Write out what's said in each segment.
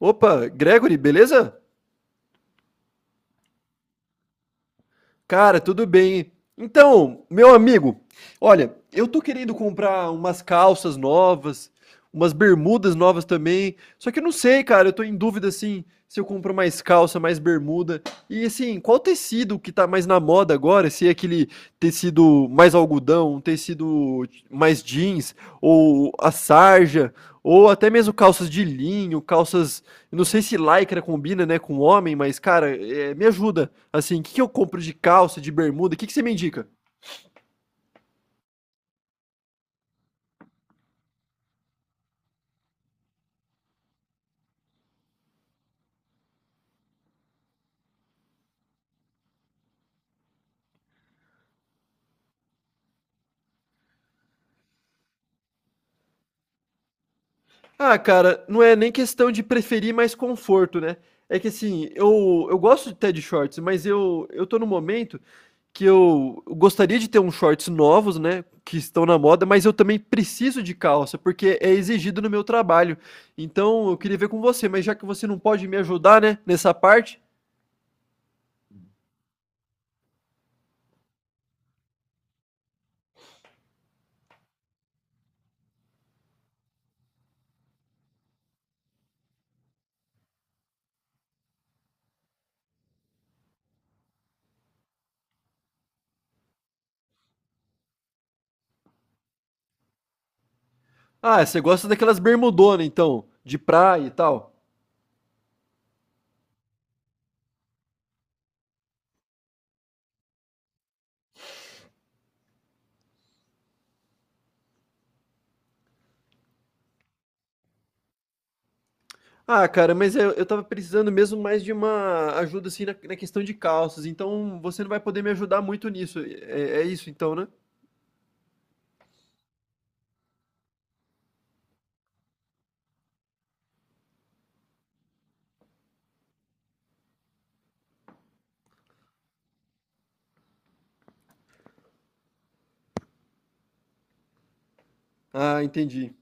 Opa, Gregory, beleza? Cara, tudo bem. Então, meu amigo, olha, eu tô querendo comprar umas calças novas, umas bermudas novas também. Só que eu não sei, cara, eu tô em dúvida assim, se eu compro mais calça, mais bermuda. E assim, qual tecido que tá mais na moda agora? Se é aquele tecido mais algodão, um tecido mais jeans, ou a sarja, ou até mesmo calças de linho, calças. Não sei se lycra combina, né, com homem, mas, cara, me ajuda. Assim, o que, que eu compro de calça, de bermuda? O que, que você me indica? Ah, cara, não é nem questão de preferir mais conforto, né? É que assim, eu gosto até de shorts, mas eu tô num momento que eu gostaria de ter uns shorts novos, né? Que estão na moda, mas eu também preciso de calça, porque é exigido no meu trabalho. Então eu queria ver com você, mas já que você não pode me ajudar, né, nessa parte. Ah, você gosta daquelas bermudonas, então, de praia e tal. Ah, cara, mas eu tava precisando mesmo mais de uma ajuda, assim, na questão de calças. Então, você não vai poder me ajudar muito nisso. É isso, então, né? Ah, entendi.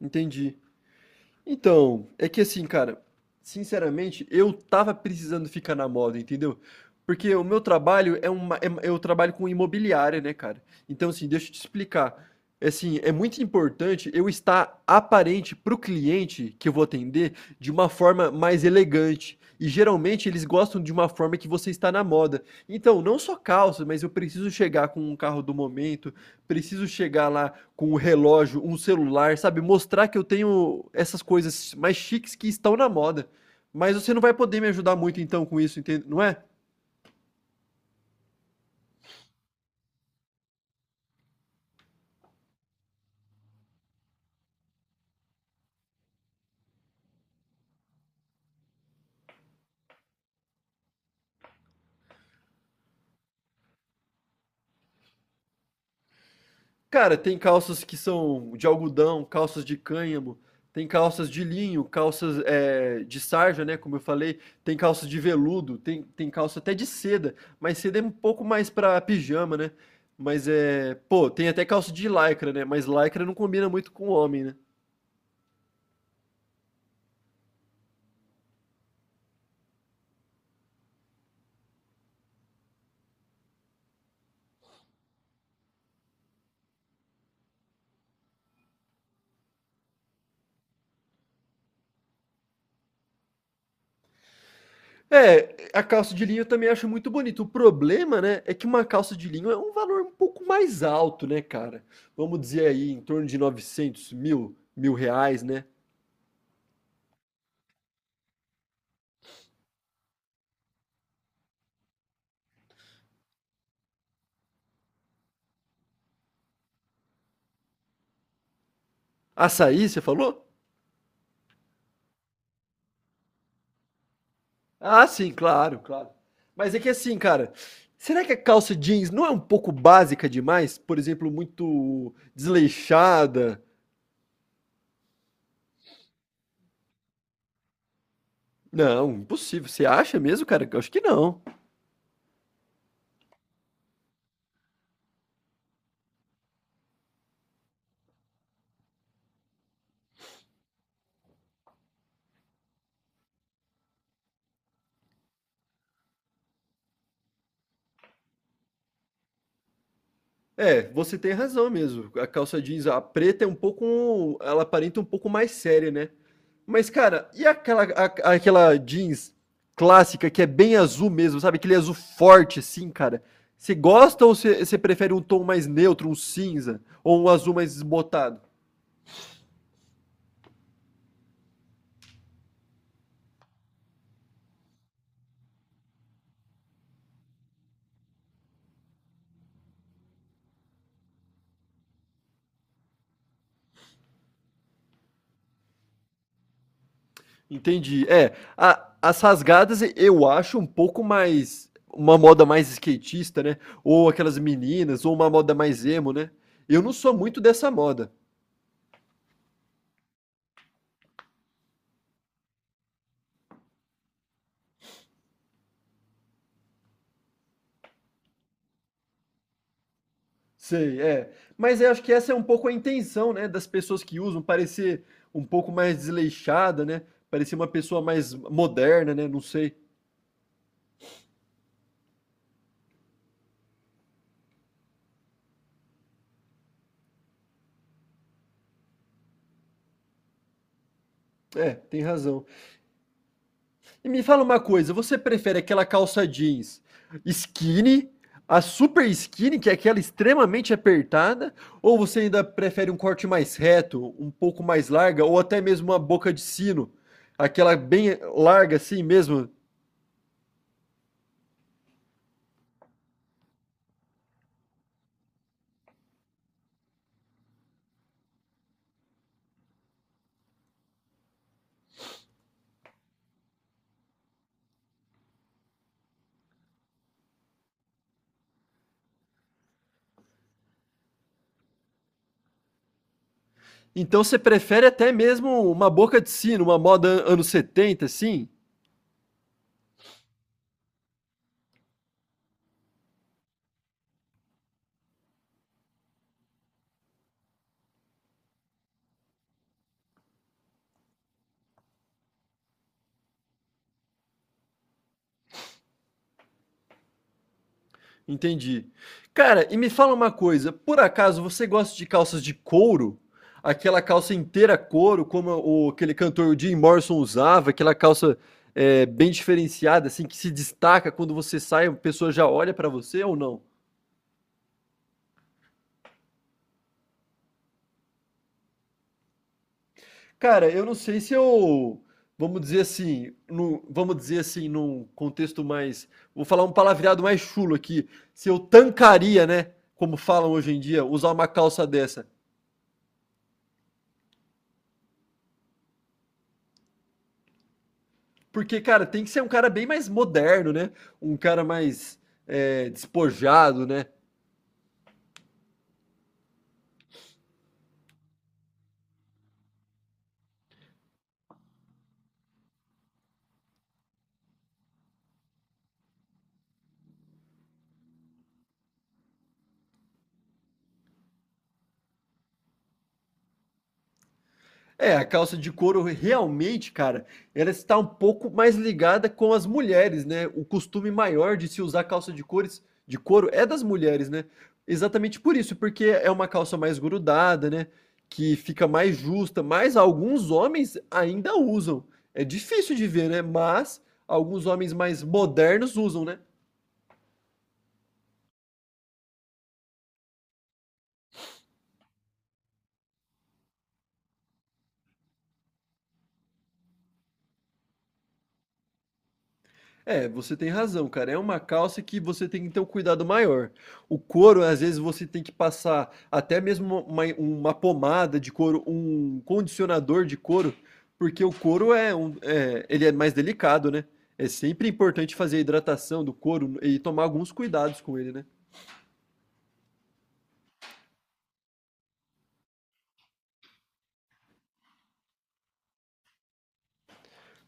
Entendi. Então, é que assim, cara, sinceramente, eu tava precisando ficar na moda, entendeu? Porque o meu trabalho eu trabalho com imobiliária, né, cara? Então, assim, deixa eu te explicar. É assim, é muito importante eu estar aparente pro cliente que eu vou atender de uma forma mais elegante. E geralmente eles gostam de uma forma que você está na moda. Então, não só calça, mas eu preciso chegar com um carro do momento, preciso chegar lá com o relógio, um celular, sabe? Mostrar que eu tenho essas coisas mais chiques que estão na moda. Mas você não vai poder me ajudar muito então com isso, entende? Não é? Cara, tem calças que são de algodão, calças de cânhamo, tem calças de linho, calças de sarja, né? Como eu falei, tem calças de veludo, tem calça até de seda, mas seda é um pouco mais pra pijama, né? Mas é. Pô, tem até calça de lycra, né? Mas lycra não combina muito com homem, né? É, a calça de linho eu também acho muito bonito. O problema, né, é que uma calça de linho é um valor um pouco mais alto, né, cara? Vamos dizer aí, em torno de 900.000, 1.000 reais, né? Açaí, você falou? Ah, sim, claro, claro. Mas é que assim, cara, será que a calça jeans não é um pouco básica demais? Por exemplo, muito desleixada? Não, impossível. Você acha mesmo, cara? Eu acho que não. É, você tem razão mesmo. A calça jeans, a preta é um pouco, ela aparenta um pouco mais séria, né? Mas, cara, e aquela, aquela jeans clássica que é bem azul mesmo, sabe? Aquele azul forte, assim, cara. Você gosta ou você prefere um tom mais neutro, um cinza, ou um azul mais esbotado? Entendi. É, as rasgadas eu acho um pouco mais. Uma moda mais skatista, né? Ou aquelas meninas, ou uma moda mais emo, né? Eu não sou muito dessa moda. Sei, é. Mas eu acho que essa é um pouco a intenção, né, das pessoas que usam, parecer um pouco mais desleixada, né? Parecer uma pessoa mais moderna, né? Não sei. É, tem razão. E me fala uma coisa, você prefere aquela calça jeans skinny, a super skinny, que é aquela extremamente apertada, ou você ainda prefere um corte mais reto, um pouco mais larga, ou até mesmo uma boca de sino, aquela bem larga assim mesmo, então você prefere até mesmo uma boca de sino, uma moda anos 70, assim? Entendi. Cara, e me fala uma coisa, por acaso você gosta de calças de couro? Aquela calça inteira couro, como aquele cantor Jim Morrison usava, aquela calça é, bem diferenciada, assim, que se destaca quando você sai, a pessoa já olha pra você ou não? Cara, eu não sei se eu, vamos dizer assim, vamos dizer assim, num contexto mais, vou falar um palavreado mais chulo aqui, se eu tancaria, né, como falam hoje em dia, usar uma calça dessa. Porque, cara, tem que ser um cara bem mais moderno, né? Um cara mais despojado, né? É, a calça de couro realmente, cara, ela está um pouco mais ligada com as mulheres, né? O costume maior de se usar calça de cores de couro é das mulheres, né? Exatamente por isso, porque é uma calça mais grudada, né? Que fica mais justa, mas alguns homens ainda usam. É difícil de ver, né? Mas alguns homens mais modernos usam, né? É, você tem razão, cara. É uma calça que você tem que ter um cuidado maior. O couro, às vezes, você tem que passar até mesmo uma pomada de couro, um condicionador de couro, porque o couro é ele é mais delicado, né? É sempre importante fazer a hidratação do couro e tomar alguns cuidados com ele, né?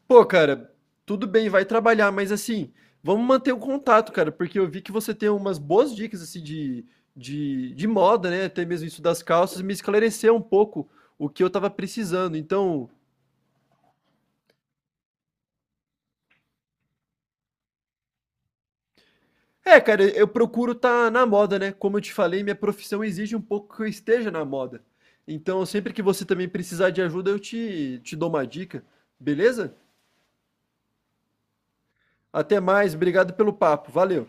Pô, cara, tudo bem, vai trabalhar, mas assim, vamos manter o contato, cara, porque eu vi que você tem umas boas dicas assim de moda, né? Até mesmo isso das calças, me esclareceu um pouco o que eu tava precisando. Então, cara, eu procuro estar na moda, né? Como eu te falei, minha profissão exige um pouco que eu esteja na moda. Então, sempre que você também precisar de ajuda, eu te dou uma dica, beleza? Até mais, obrigado pelo papo, valeu.